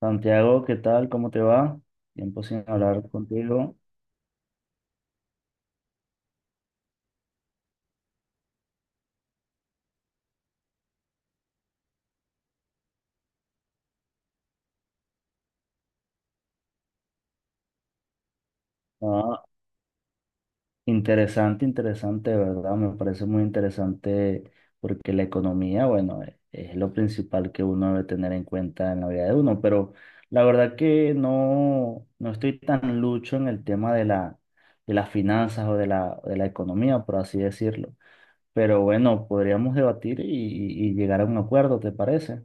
Santiago, ¿qué tal? ¿Cómo te va? Tiempo sin hablar contigo. Ah, interesante, interesante, ¿verdad? Me parece muy interesante porque la economía, bueno, es lo principal que uno debe tener en cuenta en la vida de uno, pero la verdad que no, no estoy tan lucho en el tema de las finanzas o de la economía, por así decirlo. Pero bueno, podríamos debatir y llegar a un acuerdo, ¿te parece?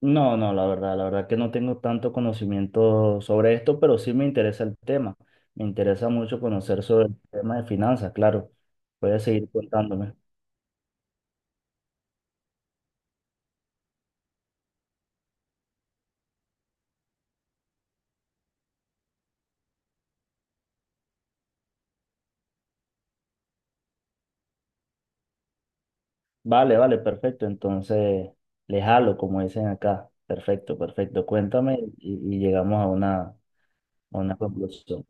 No, no, la verdad que no tengo tanto conocimiento sobre esto, pero sí me interesa el tema. Me interesa mucho conocer sobre el tema de finanzas, claro. Puedes seguir contándome. Vale, vale, perfecto. Entonces, le jalo, como dicen acá. Perfecto, perfecto. Cuéntame y llegamos a una conclusión.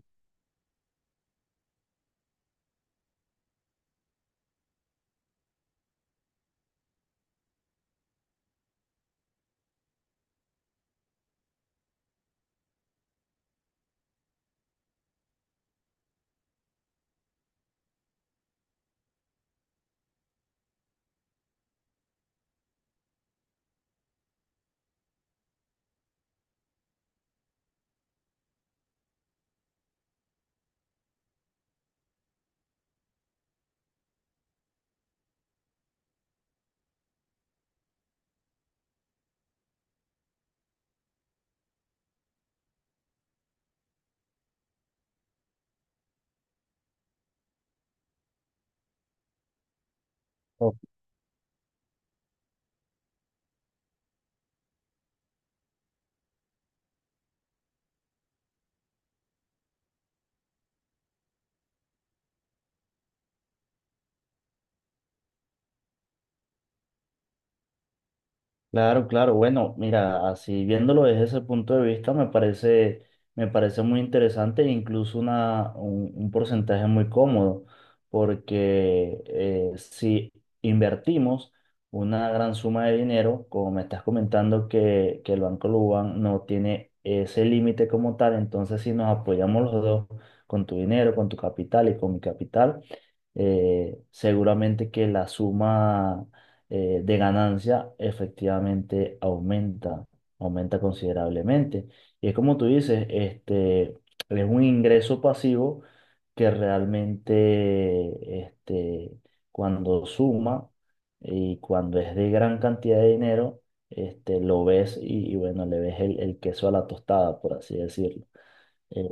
Ok. Claro, claro. Bueno, mira, así viéndolo desde ese punto de vista, me parece muy interesante e incluso un porcentaje muy cómodo, porque si invertimos una gran suma de dinero, como me estás comentando que el Banco Luban no tiene ese límite como tal, entonces si nos apoyamos los dos con tu dinero, con tu capital y con mi capital, seguramente que la suma de ganancia efectivamente aumenta considerablemente. Y es como tú dices, es un ingreso pasivo que realmente cuando suma y cuando es de gran cantidad de dinero, lo ves y bueno, le ves el queso a la tostada, por así decirlo. Eh,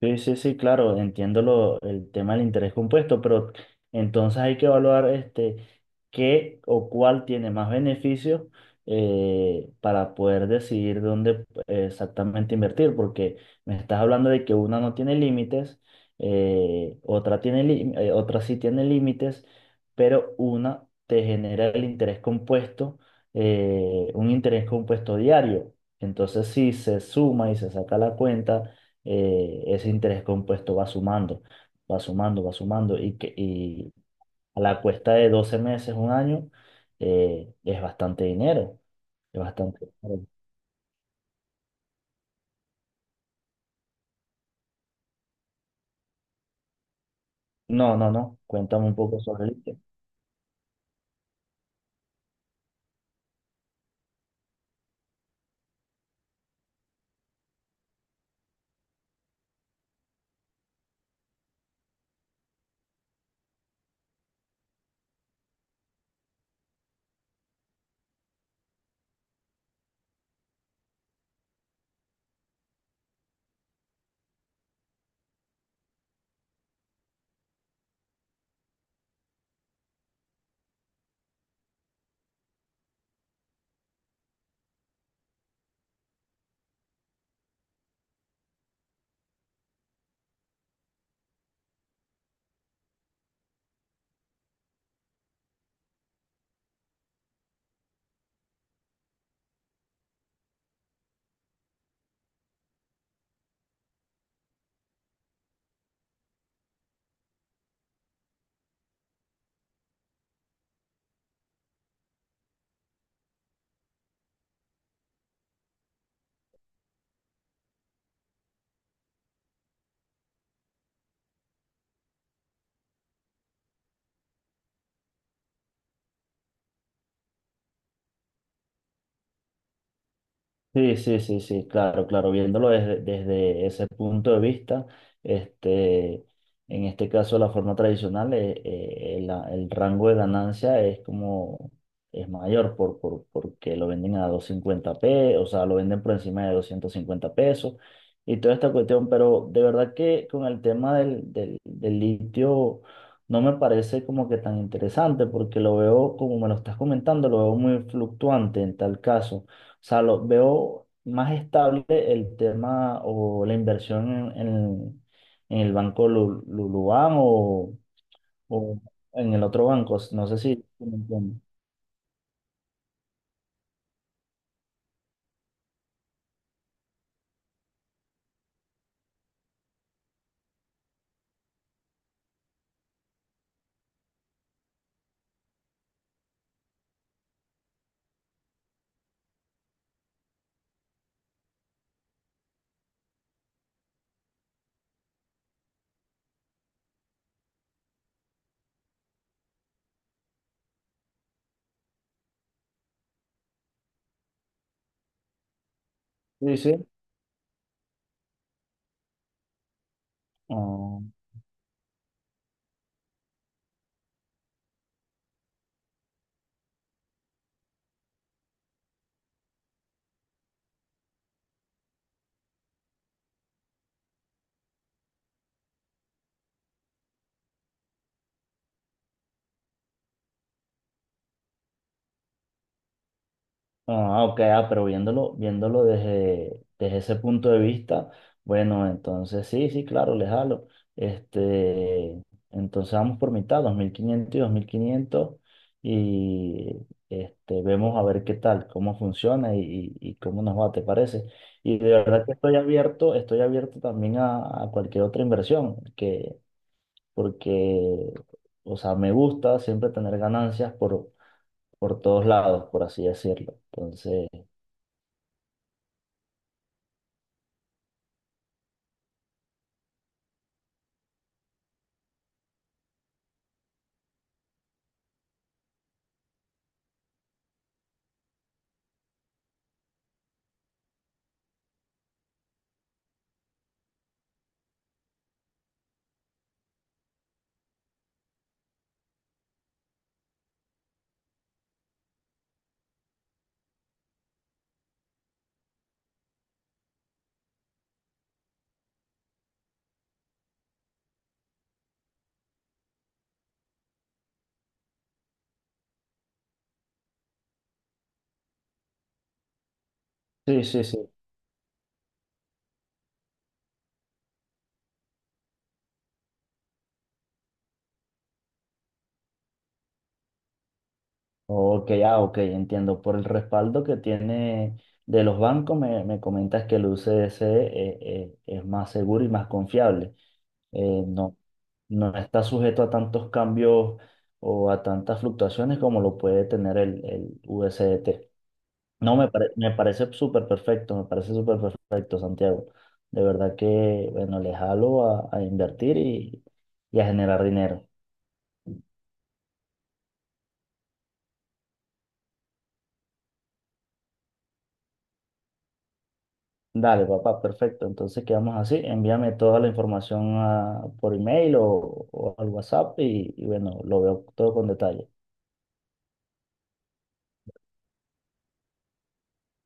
Sí, sí, sí, claro, entiendo el tema del interés compuesto, pero entonces hay que evaluar qué o cuál tiene más beneficios para poder decidir dónde exactamente invertir, porque me estás hablando de que una no tiene límites, otra sí tiene límites, pero una te genera el interés compuesto, un interés compuesto diario. Entonces, si se suma y se saca la cuenta ese interés compuesto va sumando, va sumando, va sumando y a la cuesta de 12 meses, un año, es bastante dinero, es bastante dinero. No, no, no, cuéntame un poco sobre eso. Sí, sí, sí, sí, claro, claro, viéndolo desde ese punto de vista, este, en este caso la forma tradicional, el rango de ganancia es mayor porque lo venden a 250 pesos, o sea, lo venden por encima de 250 pesos y toda esta cuestión, pero de verdad que con el tema del litio no me parece como que tan interesante porque lo veo, como me lo estás comentando, lo veo muy fluctuante en tal caso sea, lo veo más estable el tema o la inversión en el banco Luluan o en el otro banco. No sé si me entiendes. Sí, sí. Ah. Ah, ok, ah, pero viéndolo desde ese punto de vista, bueno, entonces sí, sí, claro, le jalo. Este, entonces vamos por mitad, 2.500 y 2.500 y vemos a ver qué tal, cómo funciona y cómo nos va, ¿te parece? Y de verdad que estoy abierto también a cualquier otra inversión, porque, o sea, me gusta siempre tener ganancias por todos lados, por así decirlo. Entonces. Sí, sí, sí. Ok, ah, ok, entiendo. Por el respaldo que tiene de los bancos, me comentas que el UCS es más seguro y más confiable. No, no está sujeto a tantos cambios o a tantas fluctuaciones como lo puede tener el USDT. No, me parece súper perfecto, me parece súper perfecto, Santiago. De verdad que, bueno, le jalo a invertir y a generar dinero. Dale, papá, perfecto. Entonces quedamos así. Envíame toda la información por email o al WhatsApp y bueno, lo veo todo con detalle.